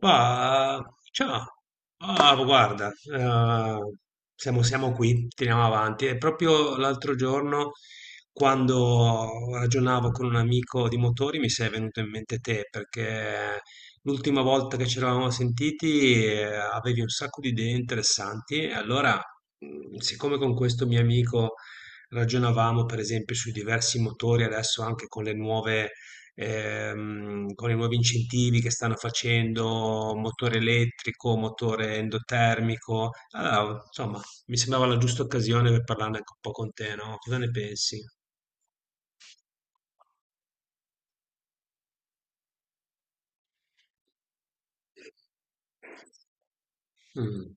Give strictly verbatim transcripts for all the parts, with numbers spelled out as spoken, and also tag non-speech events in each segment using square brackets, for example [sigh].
Ma, ciao. Ah, guarda, eh, siamo, siamo qui, tiriamo avanti. E proprio l'altro giorno, quando ragionavo con un amico di motori, mi sei venuto in mente te, perché l'ultima volta che ci eravamo sentiti, eh, avevi un sacco di idee interessanti. E allora, mm, siccome con questo mio amico ragionavamo per esempio sui diversi motori adesso anche con le nuove, ehm, con i nuovi incentivi che stanno facendo, motore elettrico, motore endotermico. Allora, insomma, mi sembrava la giusta occasione per parlarne anche un po' con te, no? Cosa ne pensi? Mm.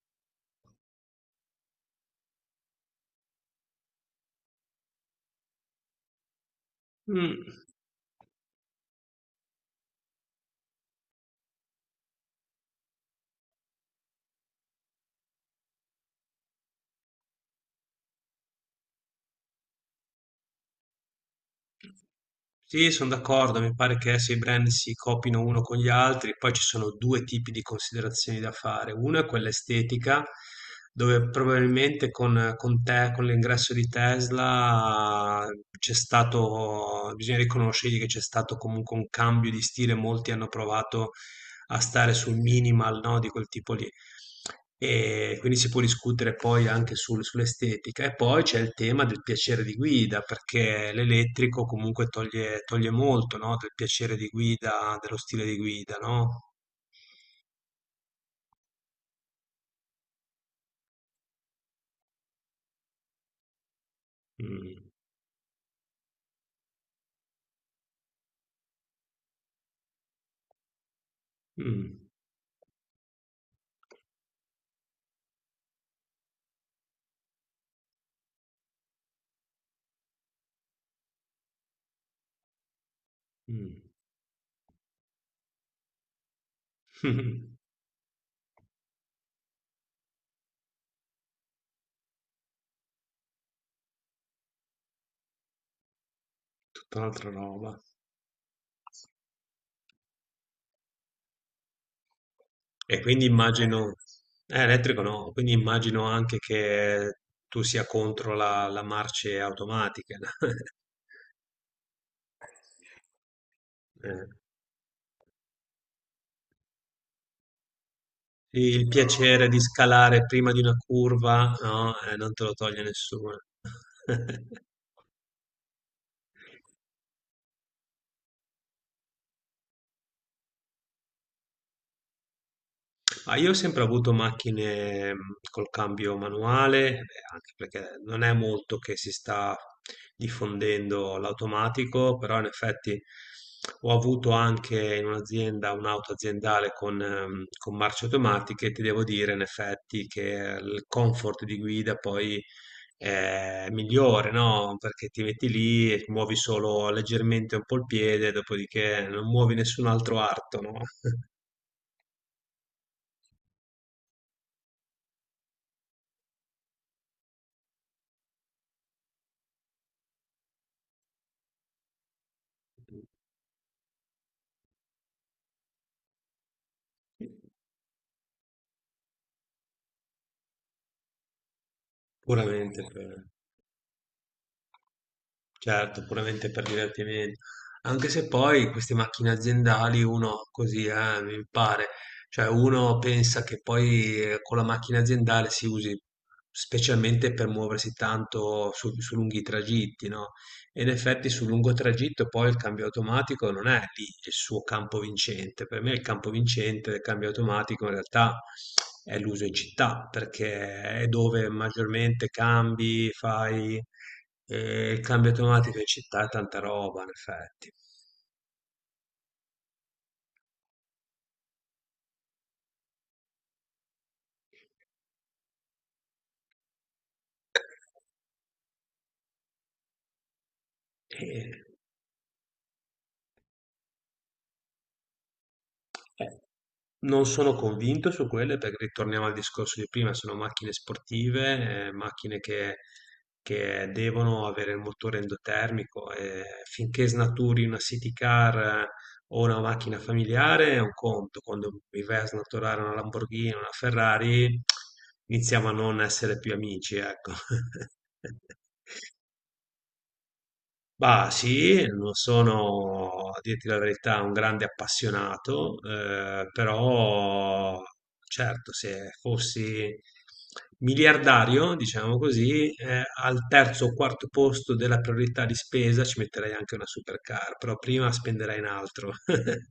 Mm. Sì, sono d'accordo, mi pare che se i brand si copino uno con gli altri, poi ci sono due tipi di considerazioni da fare. Una è quella estetica, dove probabilmente con, con te, con l'ingresso di Tesla c'è stato, bisogna riconoscergli che c'è stato comunque un cambio di stile, molti hanno provato a stare sul minimal, no, di quel tipo lì. E quindi si può discutere poi anche sul- sull'estetica. E poi c'è il tema del piacere di guida, perché l'elettrico comunque toglie, toglie molto, no? Del piacere di guida, dello stile di guida, no? Mm, mm, mm. [laughs] Tutta un'altra roba. E quindi immagino, eh, elettrico no, quindi immagino anche che tu sia contro la, la marce automatica. [laughs] Eh. Sì, il piacere di scalare prima di una curva, no, eh, non te lo toglie nessuno. [laughs] Ma io ho sempre avuto macchine mh, col cambio manuale, eh, anche perché non è molto che si sta diffondendo l'automatico, però in effetti ho avuto anche in un'azienda un'auto aziendale con, ehm, con marce automatiche e ti devo dire in effetti che il comfort di guida poi è migliore, no? Perché ti metti lì e muovi solo leggermente un po' il piede, dopodiché non muovi nessun altro arto, no? Puramente. Certo, puramente per divertimento. Anche se poi queste macchine aziendali uno così, eh, mi pare, cioè uno pensa che poi eh, con la macchina aziendale si usi specialmente per muoversi tanto su, su lunghi tragitti, no? E in effetti sul lungo tragitto poi il cambio automatico non è lì il suo campo vincente. Per me il campo vincente del cambio automatico in realtà è l'uso in città, perché è dove maggiormente cambi, fai Ehm, il cambio automatico in città è tanta roba in effetti. E eh, non sono convinto su quelle perché ritorniamo al discorso di prima, sono macchine sportive, ehm, macchine che che devono avere il motore endotermico e finché snaturi una city car eh, o una macchina familiare è un conto, quando mi vai a snaturare una Lamborghini, una Ferrari iniziamo a non essere più amici, ecco. [laughs] Bah sì, non sono, a dirti la verità, un grande appassionato, eh, però certo, se fossi miliardario, diciamo così, eh, al terzo o quarto posto della priorità di spesa ci metterei anche una supercar, però prima spenderei in altro. [laughs]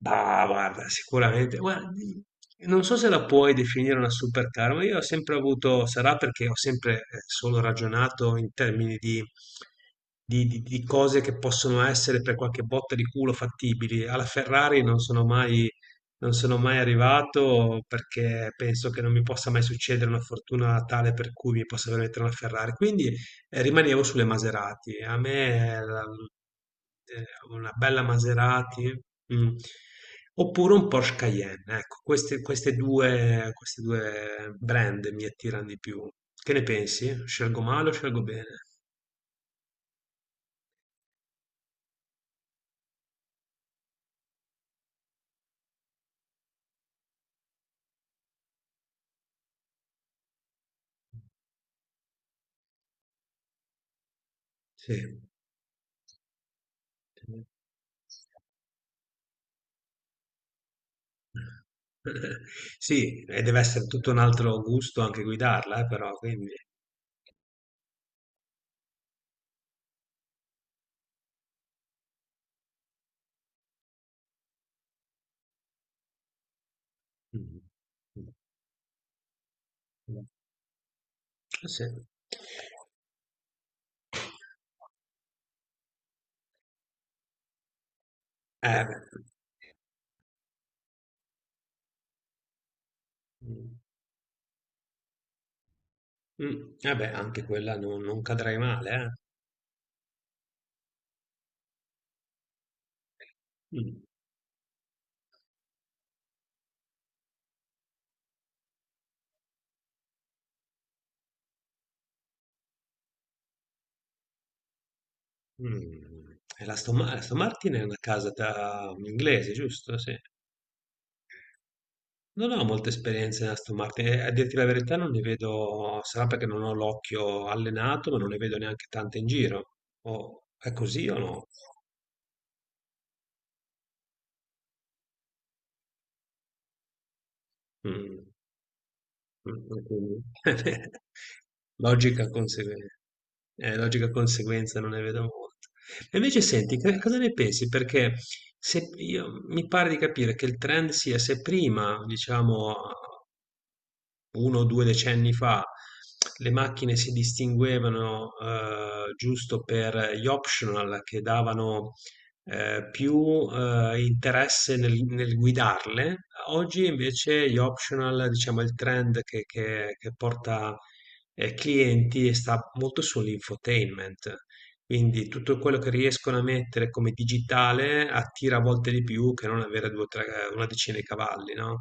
Bah, guarda, sicuramente, guardi, non so se la puoi definire una supercar, ma io ho sempre avuto, sarà perché ho sempre eh, solo ragionato in termini di, di- di- di cose che possono essere per qualche botta di culo fattibili. Alla Ferrari non sono mai, non sono mai arrivato perché penso che non mi possa mai succedere una fortuna tale per cui mi possa permettere una Ferrari. Quindi. E rimanevo sulle Maserati. A me la ehm, una bella Maserati, mh, oppure un Porsche Cayenne. Ecco, queste queste due queste due brand mi attirano di più. Che ne pensi? Scelgo male o scelgo bene? Sì. [laughs] Sì, e deve essere tutto un altro gusto anche guidarla, eh, però, quindi. Mh. Mh. Sì. Eh, beh. Mh. Mh. Eh, beh, anche quella non non cadrai male, eh. Mh. Mh. E la Aston Ma la Aston Martin è una casa ta inglese, giusto? Sì. Non ho molte esperienze in Aston Martin e a dirti la verità non ne vedo sarà perché non ho l'occhio allenato, ma non ne vedo neanche tante in giro. O è così o no? Mh. Mh, e quindi [laughs] logica conseguen eh, logica conseguenza non ne vedo molte. E invece senti, che cosa ne pensi? Perché se io mi pare di capire che il trend sia se prima, diciamo uno o due decenni fa le macchine si distinguevano, uhm, giusto per gli optional che davano, ehm, più, uhm, interesse nel nel guidarle. Oggi invece gli optional, diciamo è il trend che che che porta, ehm, clienti e sta molto sull'infotainment. Quindi tutto quello che riescono a mettere come digitale attira a volte di più che non avere due o tre una decina di cavalli, no?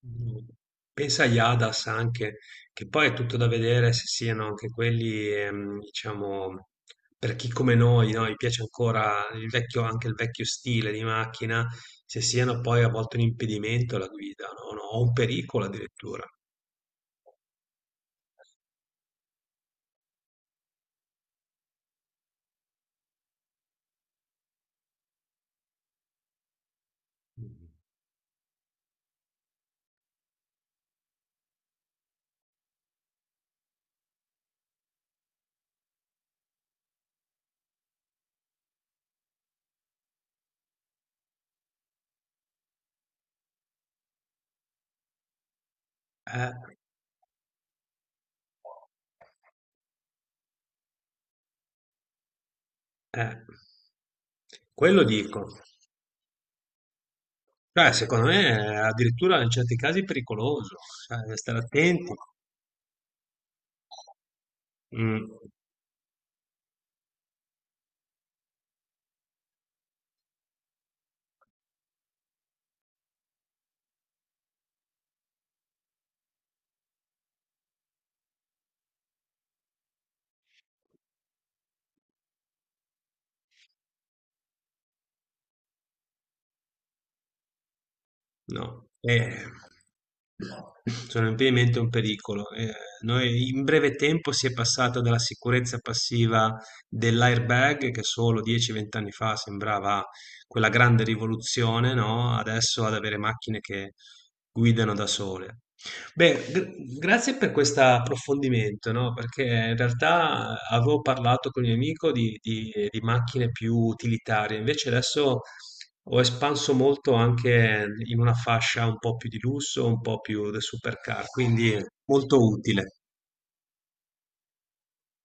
No. Pensa agli Hadas anche, che poi è tutto da vedere se siano anche quelli, ehm, diciamo, per chi come noi, no? Gli piace ancora il vecchio, anche il vecchio stile di macchina, se siano poi a volte un impedimento alla guida, no? No, o un pericolo addirittura. Eh, eh, Quello dico. Cioè, secondo me è addirittura in certi casi pericoloso, cioè, da stare attenti. Mm. No, eh, sono ampiamente un pericolo. Eh, noi in breve tempo si è passata dalla sicurezza passiva dell'airbag, che solo dieci venti anni fa sembrava quella grande rivoluzione, no? Adesso ad avere macchine che guidano da sole. Beh, gr- grazie per questo approfondimento, no? Perché in realtà avevo parlato con il mio amico di, di- di macchine più utilitarie, invece adesso ho espanso molto anche in una fascia un po' più di lusso, un po' più da supercar, quindi molto utile.